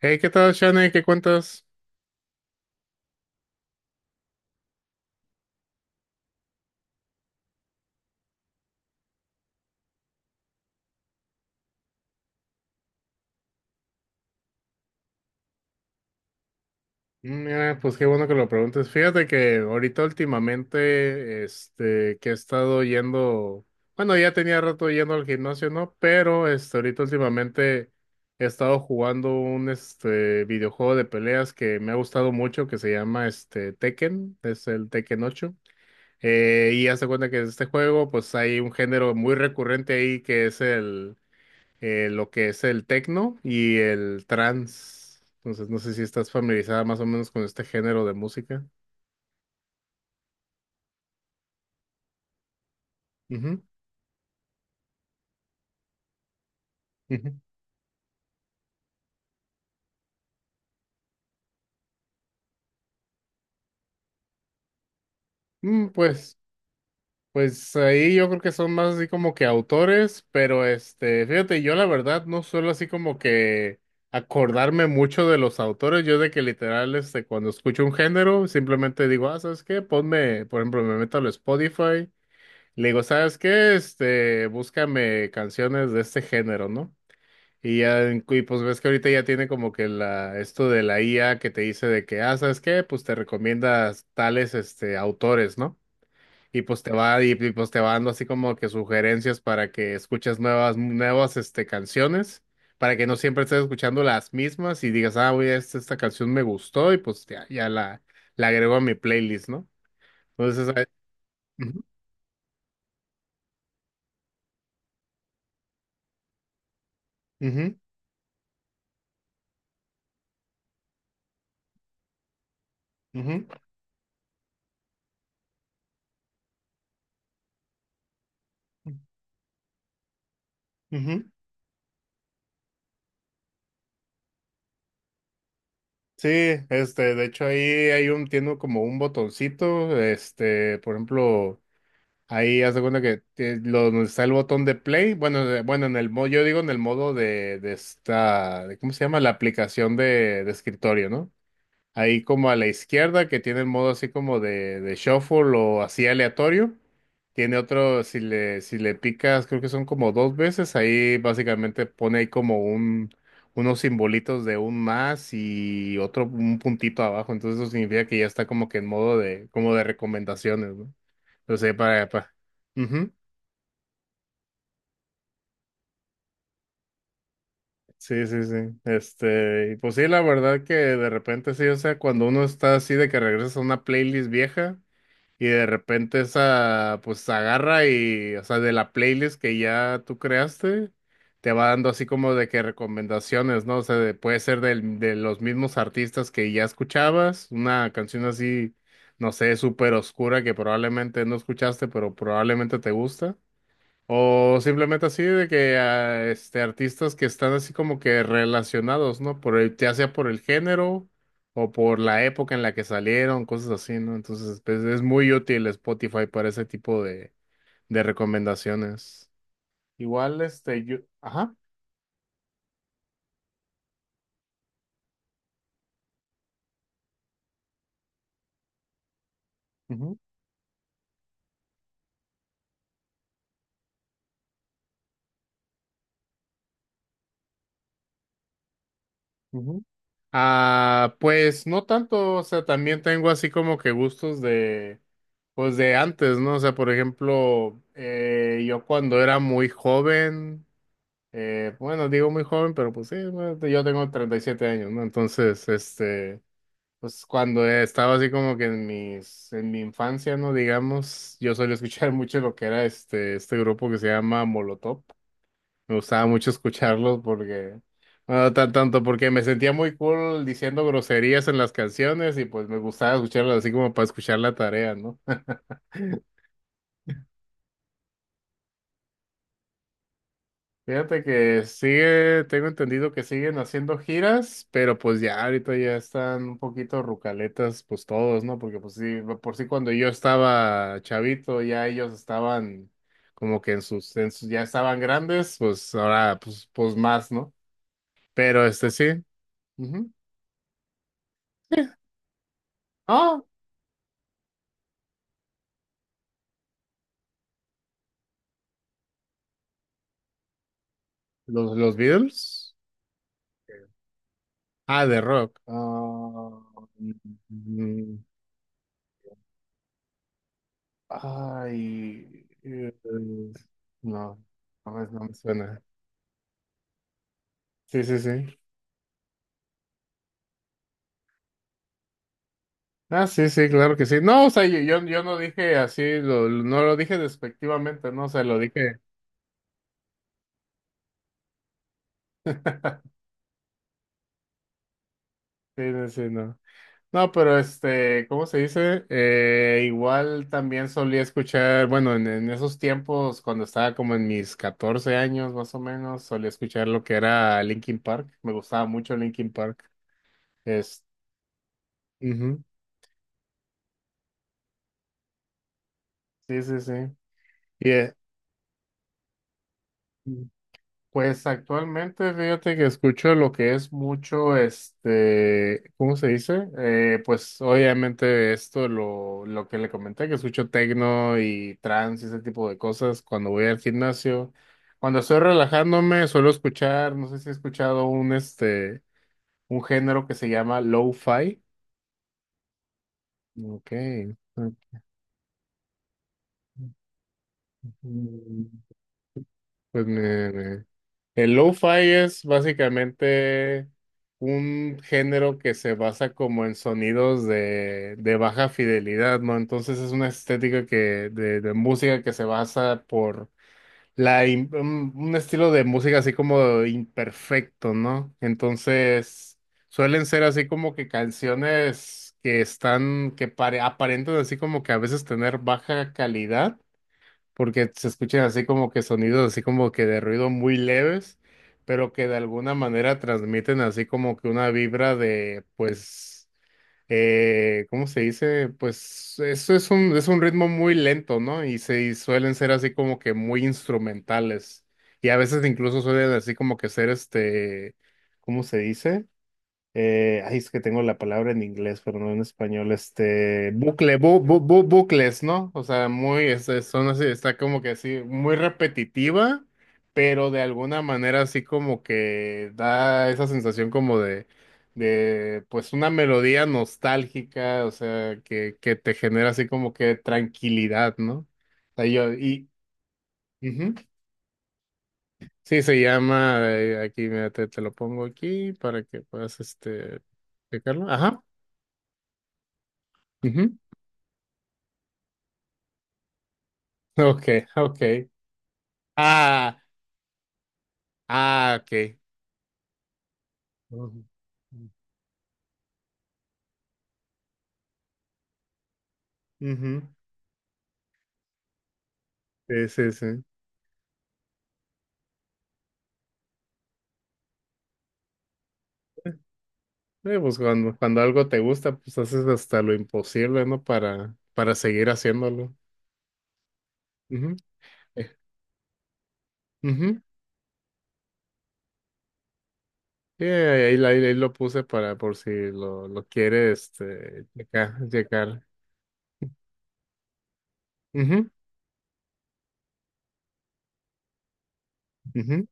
Hey, ¿qué tal, Shane? ¿Qué cuentas? Mm, mira, pues qué bueno que lo preguntes. Fíjate que ahorita últimamente, que he estado yendo, bueno, ya tenía rato yendo al gimnasio, ¿no? Pero, ahorita últimamente he estado jugando un videojuego de peleas que me ha gustado mucho, que se llama, Tekken, es el Tekken ocho. Y haz de cuenta que en este juego, pues hay un género muy recurrente ahí que es el lo que es el techno y el trance. Entonces, no sé si estás familiarizada más o menos con este género de música. Ujú, ujú. Mm, pues ahí yo creo que son más así como que autores, pero fíjate, yo la verdad no suelo así como que acordarme mucho de los autores. Yo de que literal, cuando escucho un género, simplemente digo, ah, ¿sabes qué? Ponme, por ejemplo, me meto al Spotify. Le digo, ¿sabes qué? Búscame canciones de este género, ¿no? Y pues ves que ahorita ya tiene como que esto de la IA que te dice de que, ah, ¿sabes qué? Pues te recomiendas tales, autores, ¿no? Y pues te va, pues te va dando así como que sugerencias para que escuches nuevas, canciones, para que no siempre estés escuchando las mismas y digas, ah, oye, esta canción me gustó y pues la agrego a mi playlist, ¿no? Entonces, ah, ujú, ujú, ujú, ujú. Sí, de hecho ahí tiene como un botoncito, por ejemplo, ahí haz de cuenta que donde está el botón de play, bueno, en el modo, yo digo en el modo de ¿cómo se llama? La aplicación de escritorio, ¿no? Ahí como a la izquierda, que tiene el modo así como de shuffle o así aleatorio. Tiene otro, si le picas, creo que son como dos veces, ahí básicamente pone ahí como unos simbolitos de un más y otro, un puntito abajo. Entonces eso significa que ya está como que en modo de, como de recomendaciones, ¿no? Entonces, para. Ujú. Sí, sí, sí. Este, y pues sí, la verdad que de repente sí, o sea, cuando uno está así de que regresas a una playlist vieja. Y de repente esa, pues agarra y, o sea, de la playlist que ya tú creaste, te va dando así como de que recomendaciones, ¿no? O sea, puede ser de los mismos artistas que ya escuchabas, una canción así, no sé, súper oscura que probablemente no escuchaste, pero probablemente te gusta. O simplemente así de que ah, este artistas que están así como que relacionados, ¿no? Por el, ya sea por el género o por la época en la que salieron, cosas así, ¿no? Entonces, pues, es muy útil Spotify para ese tipo de recomendaciones. Igual, este, yo, ajá. Ujú, ujú. Ah, pues no tanto, o sea, también tengo así como que gustos pues de antes, ¿no? O sea, por ejemplo, yo cuando era muy joven. Bueno, digo muy joven, pero pues sí, bueno, yo tengo 37 años, ¿no? Entonces, pues cuando estaba así como que en en mi infancia, ¿no? Digamos, yo solía escuchar mucho lo que era este grupo que se llama Molotov. Me gustaba mucho escucharlos porque, bueno, tanto porque me sentía muy cool diciendo groserías en las canciones y pues me gustaba escucharlas así como para escuchar la tarea, ¿no? Fíjate que sigue, tengo entendido que siguen haciendo giras, pero pues ya ahorita ya están un poquito rucaletas, pues todos, ¿no? Porque pues sí, por sí cuando yo estaba chavito, ya ellos estaban como que en ya estaban grandes, pues ahora pues, pues más, ¿no? Pero este sí. Ujú. Sí. Ah, los Beatles. Ah, de rock. Ah, mm, mm, mm. Ay, no, no me suena. Sí, sí, sí. Ah, sí, sí, claro que sí. No, o sea, yo no dije así, no lo dije despectivamente, no, o sea, lo dije. Sí, sí, sí, no. No, pero este, ¿cómo se dice? Igual también solía escuchar, bueno, en esos tiempos, cuando estaba como en mis 14 años más o menos, solía escuchar lo que era Linkin Park. Me gustaba mucho Linkin Park. Es, ujú, sí, sí, sí. Y, eh, Pues actualmente fíjate que escucho lo que es mucho, ¿cómo se dice? Pues obviamente esto, lo que le comenté, que escucho tecno y trance y ese tipo de cosas cuando voy al gimnasio. Cuando estoy relajándome suelo escuchar, no sé si he escuchado un género que se llama lo-fi. Ok. Mm, Pues me, me- el lo-fi es básicamente un género que se basa como en sonidos de baja fidelidad, ¿no? Entonces es una estética que, de música que se basa por un estilo de música así como imperfecto, ¿no? Entonces suelen ser así como que canciones que están, aparentan así como que a veces tener baja calidad porque se escuchan así como que sonidos así como que de ruido muy leves, pero que de alguna manera transmiten así como que una vibra de, pues, ¿cómo se dice? Pues eso es es un ritmo muy lento, ¿no? Y suelen ser así como que muy instrumentales. Y a veces incluso suelen así como que ser este, ¿cómo se dice? Ay, es que tengo la palabra en inglés, pero no en español, bucle, bucles, ¿no? O sea, muy, son así, está como que así, muy repetitiva, pero de alguna manera así como que da esa sensación como de, pues una melodía nostálgica, o sea, que te genera así como que tranquilidad, ¿no? O sea, yo, y, ujú. Sí, se llama, aquí, mira, te lo pongo aquí para que puedas, checarlo, ajá. Ujú. Ok, ok. Ah, ah, ok. Ujú. Ujú. Sí, sí, sí. Pues cuando algo te gusta, pues haces hasta lo imposible, ¿no? Para seguir haciéndolo. Ujú. Eh, ujú. Sí, ahí lo puse para por si lo quiere este, checar. Checar. Ujú, ujú.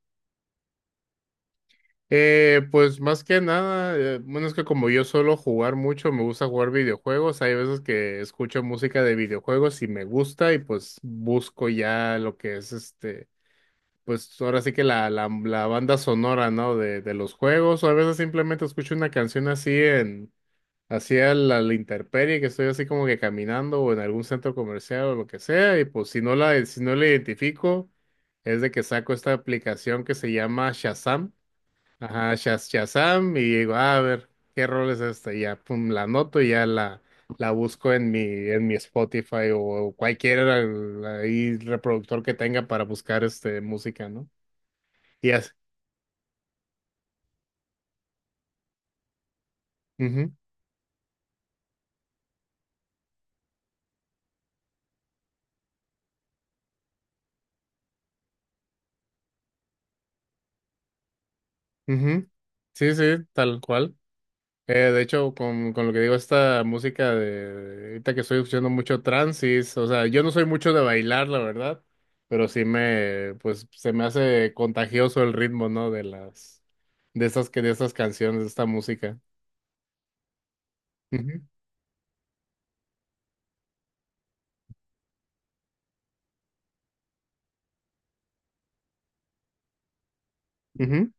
Pues más que nada, bueno, es que como yo suelo jugar mucho, me gusta jugar videojuegos, hay veces que escucho música de videojuegos y me gusta y pues busco ya lo que es este, pues ahora sí que la banda sonora, ¿no? De los juegos, o a veces simplemente escucho una canción así así a la intemperie, que estoy así como que caminando o en algún centro comercial o lo que sea, y pues si no la, si no la identifico, es de que saco esta aplicación que se llama Shazam. Ajá, Shazam y digo, "Ah, a ver, ¿qué rol es esta?" Y ya, pum, la anoto y ya la busco en mi Spotify o cualquier ahí reproductor que tenga para buscar este música, ¿no? Y así. Ujú, ujú. Sí, sí, tal cual. De hecho, con lo que digo, esta música de ahorita que estoy escuchando mucho trance, es- o sea, yo no soy mucho de bailar, la verdad, pero sí me, pues, se me hace contagioso el ritmo, ¿no? De las de estas, de estas canciones, de esta música. Ujú, ujú.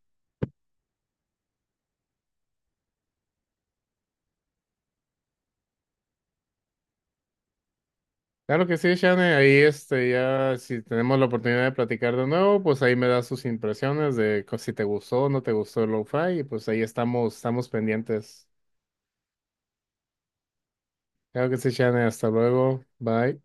Claro que sí, Shane, ahí este, ya si tenemos la oportunidad de platicar de nuevo, pues ahí me das sus impresiones de co- si te gustó o no te gustó el lo-fi, y pues ahí estamos, estamos pendientes. Claro que sí, Shane, hasta luego, bye.